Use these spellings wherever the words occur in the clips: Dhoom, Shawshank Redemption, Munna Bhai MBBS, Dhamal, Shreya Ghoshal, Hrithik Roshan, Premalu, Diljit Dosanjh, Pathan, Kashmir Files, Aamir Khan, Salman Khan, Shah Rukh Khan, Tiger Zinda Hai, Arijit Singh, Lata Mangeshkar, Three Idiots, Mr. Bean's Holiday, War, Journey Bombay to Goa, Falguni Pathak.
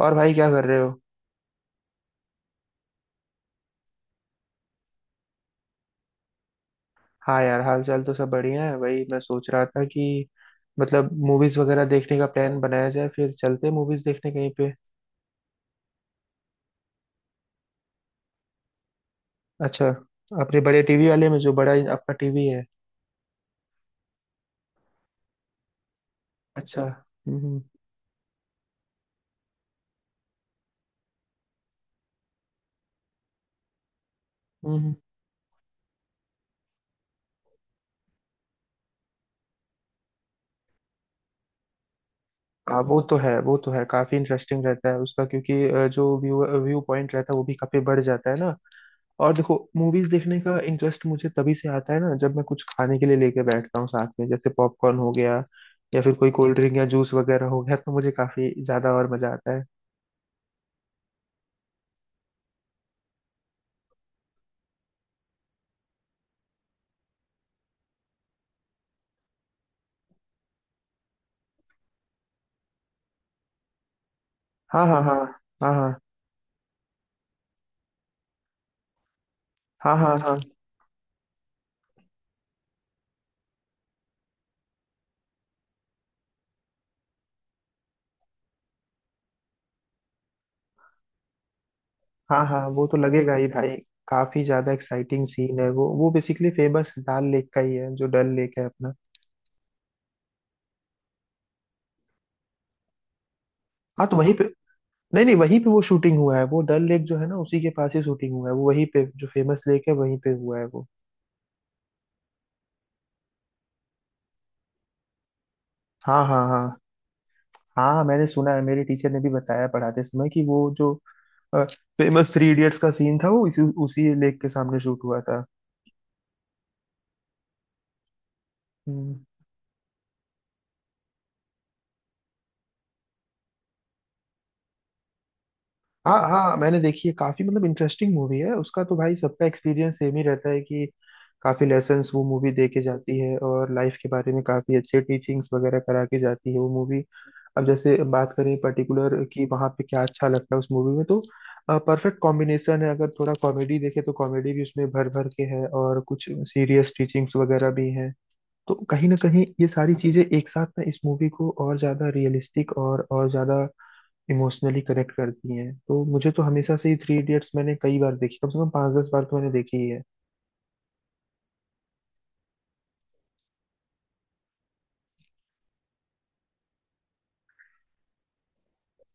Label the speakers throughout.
Speaker 1: और भाई क्या कर रहे हो? हाँ यार, हाल चाल तो सब बढ़िया है। वही मैं सोच रहा था कि मतलब मूवीज वगैरह देखने का प्लान बनाया जाए, फिर चलते मूवीज देखने कहीं पे। अच्छा, अपने बड़े टीवी वाले में, जो बड़ा आपका टीवी है। अच्छा। हम्म, हम्म, हम्म। हाँ, वो तो है, वो तो है। काफी इंटरेस्टिंग रहता है उसका, क्योंकि जो व्यू व्यू पॉइंट रहता है, वो भी काफी बढ़ जाता है ना। और देखो, मूवीज देखने का इंटरेस्ट मुझे तभी से आता है ना, जब मैं कुछ खाने के लिए लेके बैठता हूँ साथ में। जैसे पॉपकॉर्न हो गया, या फिर कोई कोल्ड ड्रिंक या जूस वगैरह हो गया, तो मुझे काफी ज्यादा और मजा आता है। हाँ, हाँ, हाँ, हाँ, हाँ, हाँ, हाँ, हाँ, हाँ, हाँ, वो तो लगेगा ही भाई। काफी ज्यादा एक्साइटिंग सीन है वो बेसिकली फेमस डल लेक का ही है, जो डल लेक है अपना। हाँ तो वहीं पे, नहीं नहीं, वहीं पे वो शूटिंग हुआ है। वो डल लेक जो है ना, उसी के पास ही शूटिंग हुआ है वो। वहीं पे, जो फेमस लेक है, वहीं पे हुआ है वो। हाँ, हाँ, हाँ, हाँ, हाँ, मैंने सुना है, मेरे टीचर ने भी बताया पढ़ाते समय कि वो जो फेमस थ्री इडियट्स का सीन था, वो इसी उसी लेक के सामने शूट हुआ था। हम्म। हाँ हाँ, मैंने देखी है। काफी मतलब इंटरेस्टिंग मूवी है उसका। तो भाई, सबका एक्सपीरियंस सेम ही रहता है कि काफी लेसन्स वो मूवी दे के जाती है और लाइफ के बारे में काफी अच्छे टीचिंग्स वगैरह करा के जाती है वो मूवी। अब जैसे बात करें पर्टिकुलर कि वहां पे क्या अच्छा लगता है उस मूवी में, तो परफेक्ट कॉम्बिनेशन है। अगर थोड़ा कॉमेडी देखे, तो कॉमेडी भी उसमें भर भर के है, और कुछ सीरियस टीचिंग्स वगैरह भी हैं। तो कहीं ना कहीं ये सारी चीजें एक साथ ना, इस मूवी को और ज्यादा रियलिस्टिक और ज्यादा इमोशनली कनेक्ट करती हैं। तो मुझे तो हमेशा से ही, थ्री इडियट्स मैंने कई बार देखी, कम से कम पाँच दस बार तो मैंने देखी ही है।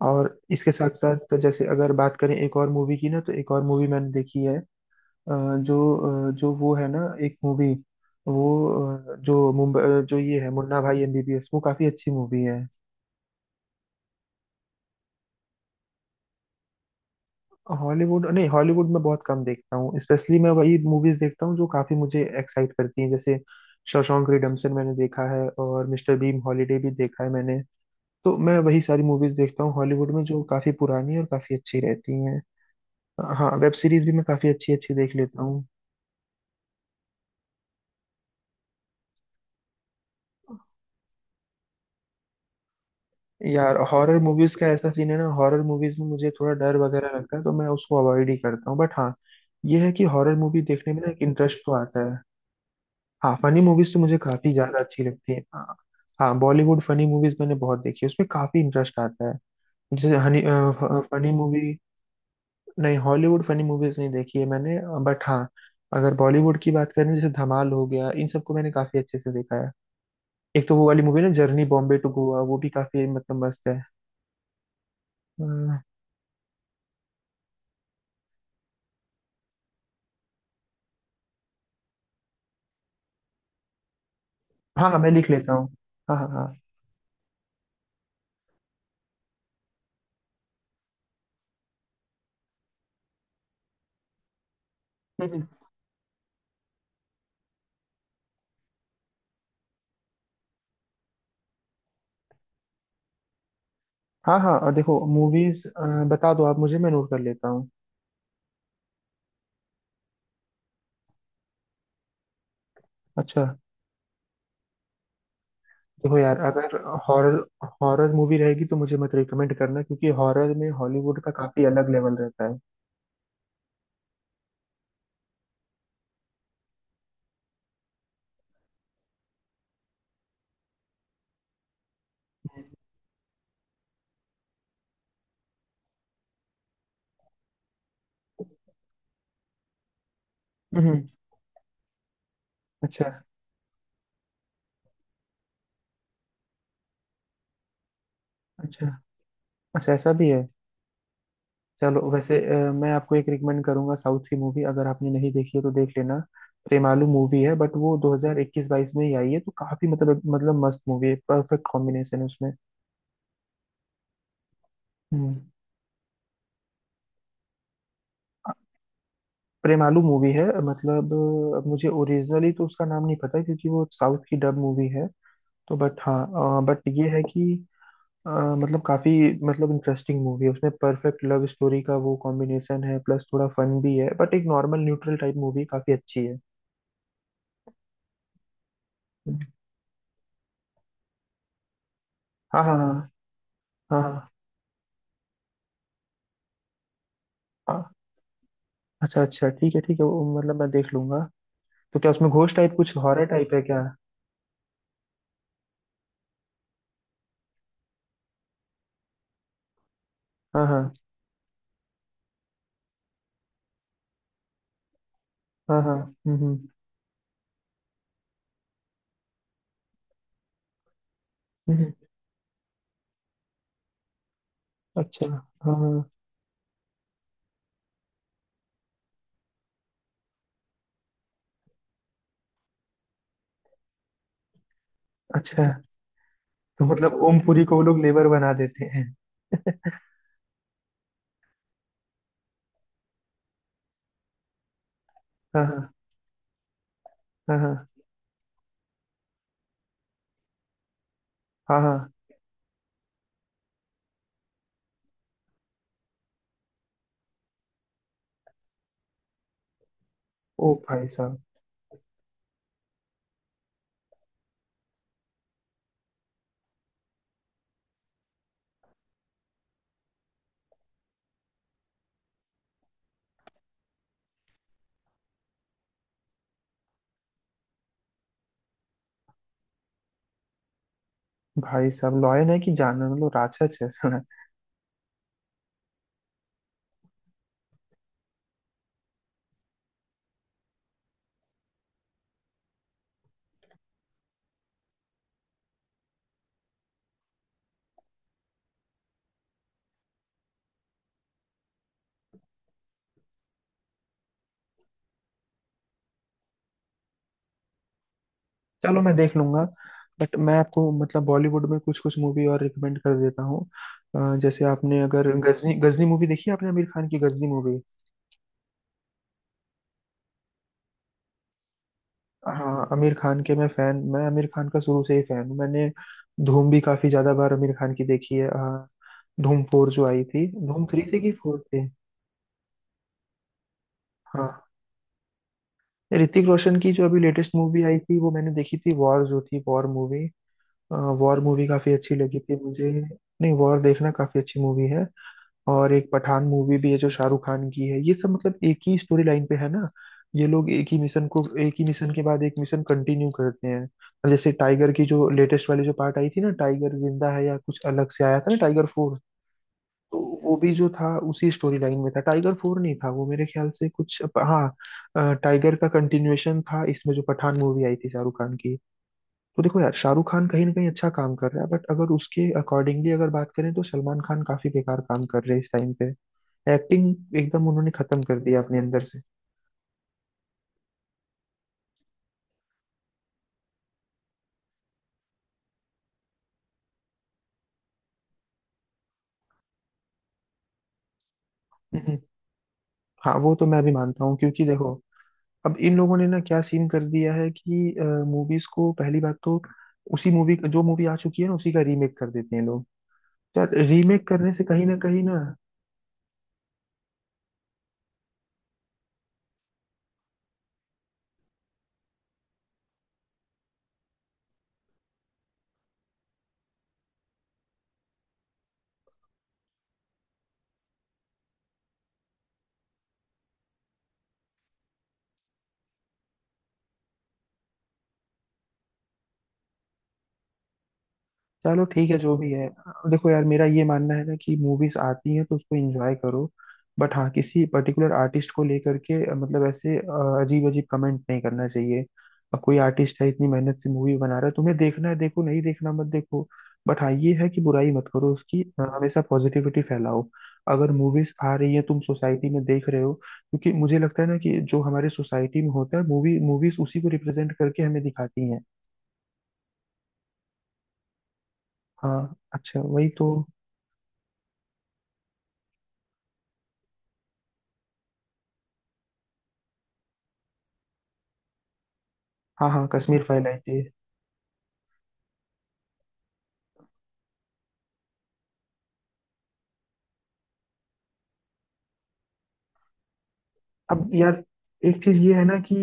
Speaker 1: और इसके साथ साथ तो, जैसे अगर बात करें एक और मूवी की ना, तो एक और मूवी मैंने देखी है। अ, जो जो वो है ना, एक मूवी वो जो मुंबई जो ये है मुन्ना भाई एमबीबीएस, वो काफी अच्छी मूवी है। हॉलीवुड, नहीं, हॉलीवुड में बहुत कम देखता हूँ। स्पेशली मैं वही मूवीज देखता हूँ जो काफी मुझे एक्साइट करती हैं, जैसे शॉशैंक रिडेम्पशन मैंने देखा है, और मिस्टर बीन हॉलीडे भी देखा है मैंने। तो मैं वही सारी मूवीज देखता हूँ हॉलीवुड में, जो काफी पुरानी और काफी अच्छी रहती हैं। हाँ, वेब सीरीज भी मैं काफी अच्छी अच्छी देख लेता हूँ। यार, हॉरर मूवीज का ऐसा सीन है ना, हॉरर मूवीज में मुझे थोड़ा डर वगैरह लगता है, तो मैं उसको अवॉइड ही करता हूँ। बट हाँ, ये है कि हॉरर मूवी देखने में ना, एक इंटरेस्ट तो आता है। हाँ, फनी मूवीज तो मुझे काफी ज्यादा अच्छी लगती है, हाँ। हाँ, बॉलीवुड फनी मूवीज मैंने बहुत देखी है, उसमें काफी इंटरेस्ट आता है। जैसे हनी फनी मूवी, नहीं, हॉलीवुड फनी मूवीज नहीं देखी है मैंने। बट हाँ, अगर बॉलीवुड की बात करें, जैसे धमाल हो गया, इन सबको मैंने काफी अच्छे से देखा है। एक तो वो वाली मूवी ना, जर्नी बॉम्बे टू गोवा, वो भी काफी मतलब मस्त है। अ, हाँ हाँ, मैं लिख लेता हूँ। हाँ, हाँ, हाँ। हम्म, हम्म। हाँ हाँ, और देखो मूवीज, बता दो आप मुझे, मैं नोट कर लेता हूँ। अच्छा, देखो यार, अगर हॉरर हॉरर मूवी रहेगी तो मुझे मत रिकमेंड करना, क्योंकि हॉरर में हॉलीवुड का काफी अलग लेवल रहता है। हम्म, हम्म, अच्छा। अच्छा, अच्छा, ऐसा भी है। चलो वैसे, मैं आपको एक रिकमेंड करूंगा साउथ की मूवी, अगर आपने नहीं देखी है तो देख लेना। प्रेमालू मूवी है, बट वो 2021-22 में ही आई है, तो काफी मतलब मस्त मूवी है। परफेक्ट कॉम्बिनेशन है उसमें। हम्म। प्रेमालू मूवी है मतलब। मुझे ओरिजिनली तो उसका नाम नहीं पता है, क्योंकि वो साउथ की डब मूवी है। तो बट हाँ, बट ये है कि अ, मतलब काफी मतलब इंटरेस्टिंग मूवी है, उसमें परफेक्ट लव स्टोरी का वो कॉम्बिनेशन है, प्लस थोड़ा फन भी है। बट एक नॉर्मल न्यूट्रल टाइप मूवी, काफी अच्छी है। हाँ, हाँ, हाँ, हाँ। आ, अच्छा, अच्छा, ठीक है, ठीक है, वो मतलब मैं देख लूंगा। तो क्या उसमें घोष टाइप कुछ हॉरर टाइप है क्या? हाँ, हाँ, हाँ, हाँ। हम्म, हम्म, हम्म। अच्छा। हाँ हाँ, अच्छा। तो मतलब ओमपुरी को वो लोग लेबर बना देते हैं। हाँ, हाँ, हाँ, हाँ, हाँ, हाँ। ओ भाई साहब, भाई साहब, लॉयन है कि जानवर? मतलब राक्षस है साला। चलो, मैं देख लूंगा। बट मैं आपको मतलब बॉलीवुड में कुछ कुछ मूवी और रिकमेंड कर देता हूँ। जैसे आपने अगर गजनी गजनी मूवी देखी है, आपने आमिर खान की गजनी मूवी? हाँ, आमिर खान के मैं फैन। मैं आमिर खान का शुरू से ही फैन हूँ। मैंने धूम भी काफी ज्यादा बार आमिर खान की देखी है। धूम फोर जो आई थी, धूम थ्री थी कि फोर थी? हाँ, ऋतिक रोशन की जो अभी लेटेस्ट मूवी आई थी, वो मैंने देखी थी। वॉर जो थी, वॉर मूवी काफी अच्छी लगी थी मुझे। नहीं, वॉर देखना, काफी अच्छी मूवी है। और एक पठान मूवी भी है जो शाहरुख खान की है, ये सब मतलब एक ही स्टोरी लाइन पे है ना। ये लोग एक ही मिशन को, एक ही मिशन के बाद एक मिशन कंटिन्यू करते हैं। और जैसे टाइगर की जो लेटेस्ट वाली जो पार्ट आई थी ना, टाइगर जिंदा है, या कुछ अलग से आया था ना टाइगर फोर। तो वो भी जो था, उसी स्टोरी लाइन में था। टाइगर फोर नहीं था वो, मेरे ख्याल से कुछ, हाँ, टाइगर का कंटिन्यूएशन था इसमें, जो पठान मूवी आई थी शाहरुख खान की। तो देखो यार, शाहरुख खान कहीं ना कहीं अच्छा काम कर रहा है, बट अगर उसके अकॉर्डिंगली अगर बात करें, तो सलमान खान काफी बेकार काम कर रहे हैं इस टाइम पे। एक्टिंग एकदम उन्होंने खत्म कर दिया अपने अंदर से। हम्म। हाँ, वो तो मैं भी मानता हूँ, क्योंकि देखो, अब इन लोगों ने ना क्या सीन कर दिया है कि मूवीज को पहली बात तो, उसी मूवी, जो मूवी आ चुकी है ना, उसी का रीमेक कर देते हैं लोग। तो रीमेक करने से कहीं ना कहीं ना, चलो ठीक है, जो भी है। देखो यार, मेरा ये मानना है ना कि मूवीज आती हैं, तो उसको एंजॉय करो। बट हाँ, किसी पर्टिकुलर आर्टिस्ट को लेकर के मतलब ऐसे अजीब अजीब कमेंट नहीं करना चाहिए। अब कोई आर्टिस्ट है, इतनी मेहनत से मूवी बना रहा है, तुम्हें देखना है देखो, नहीं देखना मत देखो। बट हाँ, ये है कि बुराई मत करो उसकी। हमेशा पॉजिटिविटी फैलाओ। अगर मूवीज आ रही है, तुम सोसाइटी में देख रहे हो, क्योंकि मुझे लगता है ना कि जो हमारे सोसाइटी में होता है, मूवीज उसी को रिप्रेजेंट करके हमें दिखाती हैं। हाँ अच्छा, वही तो। हाँ हाँ, कश्मीर फाइल आई थी। अब यार, एक चीज ये है ना कि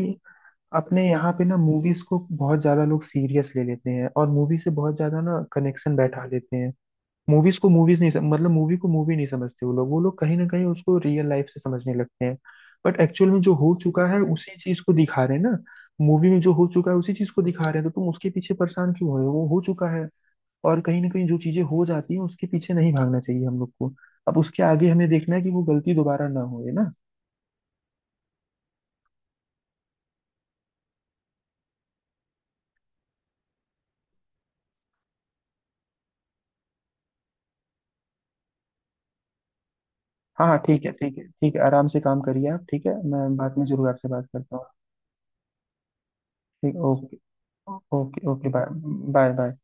Speaker 1: अपने यहाँ पे ना, मूवीज को बहुत ज्यादा लोग सीरियस ले लेते हैं और मूवी से बहुत ज्यादा ना कनेक्शन बैठा लेते हैं। मूवीज को मूवीज नहीं मतलब, मूवी को मूवी नहीं समझते वो लोग कहीं ना कहीं उसको रियल लाइफ से समझने लगते हैं। बट एक्चुअल में जो हो चुका है उसी चीज को दिखा रहे हैं ना। मूवी में जो हो चुका है उसी चीज को दिखा रहे हैं, तो तुम उसके पीछे परेशान क्यों हो रहे हो? वो हो चुका है। और कहीं ना कहीं जो चीजें हो जाती हैं, उसके पीछे नहीं भागना चाहिए हम लोग को। अब उसके आगे हमें देखना है कि वो गलती दोबारा ना हो, है ना। हाँ हाँ, ठीक है, ठीक है, ठीक है, आराम से काम करिए आप, ठीक है, मैं बाद में जरूर आपसे बात करता हूँ। ठीक, okay. Okay, okay, bye. Bye, bye.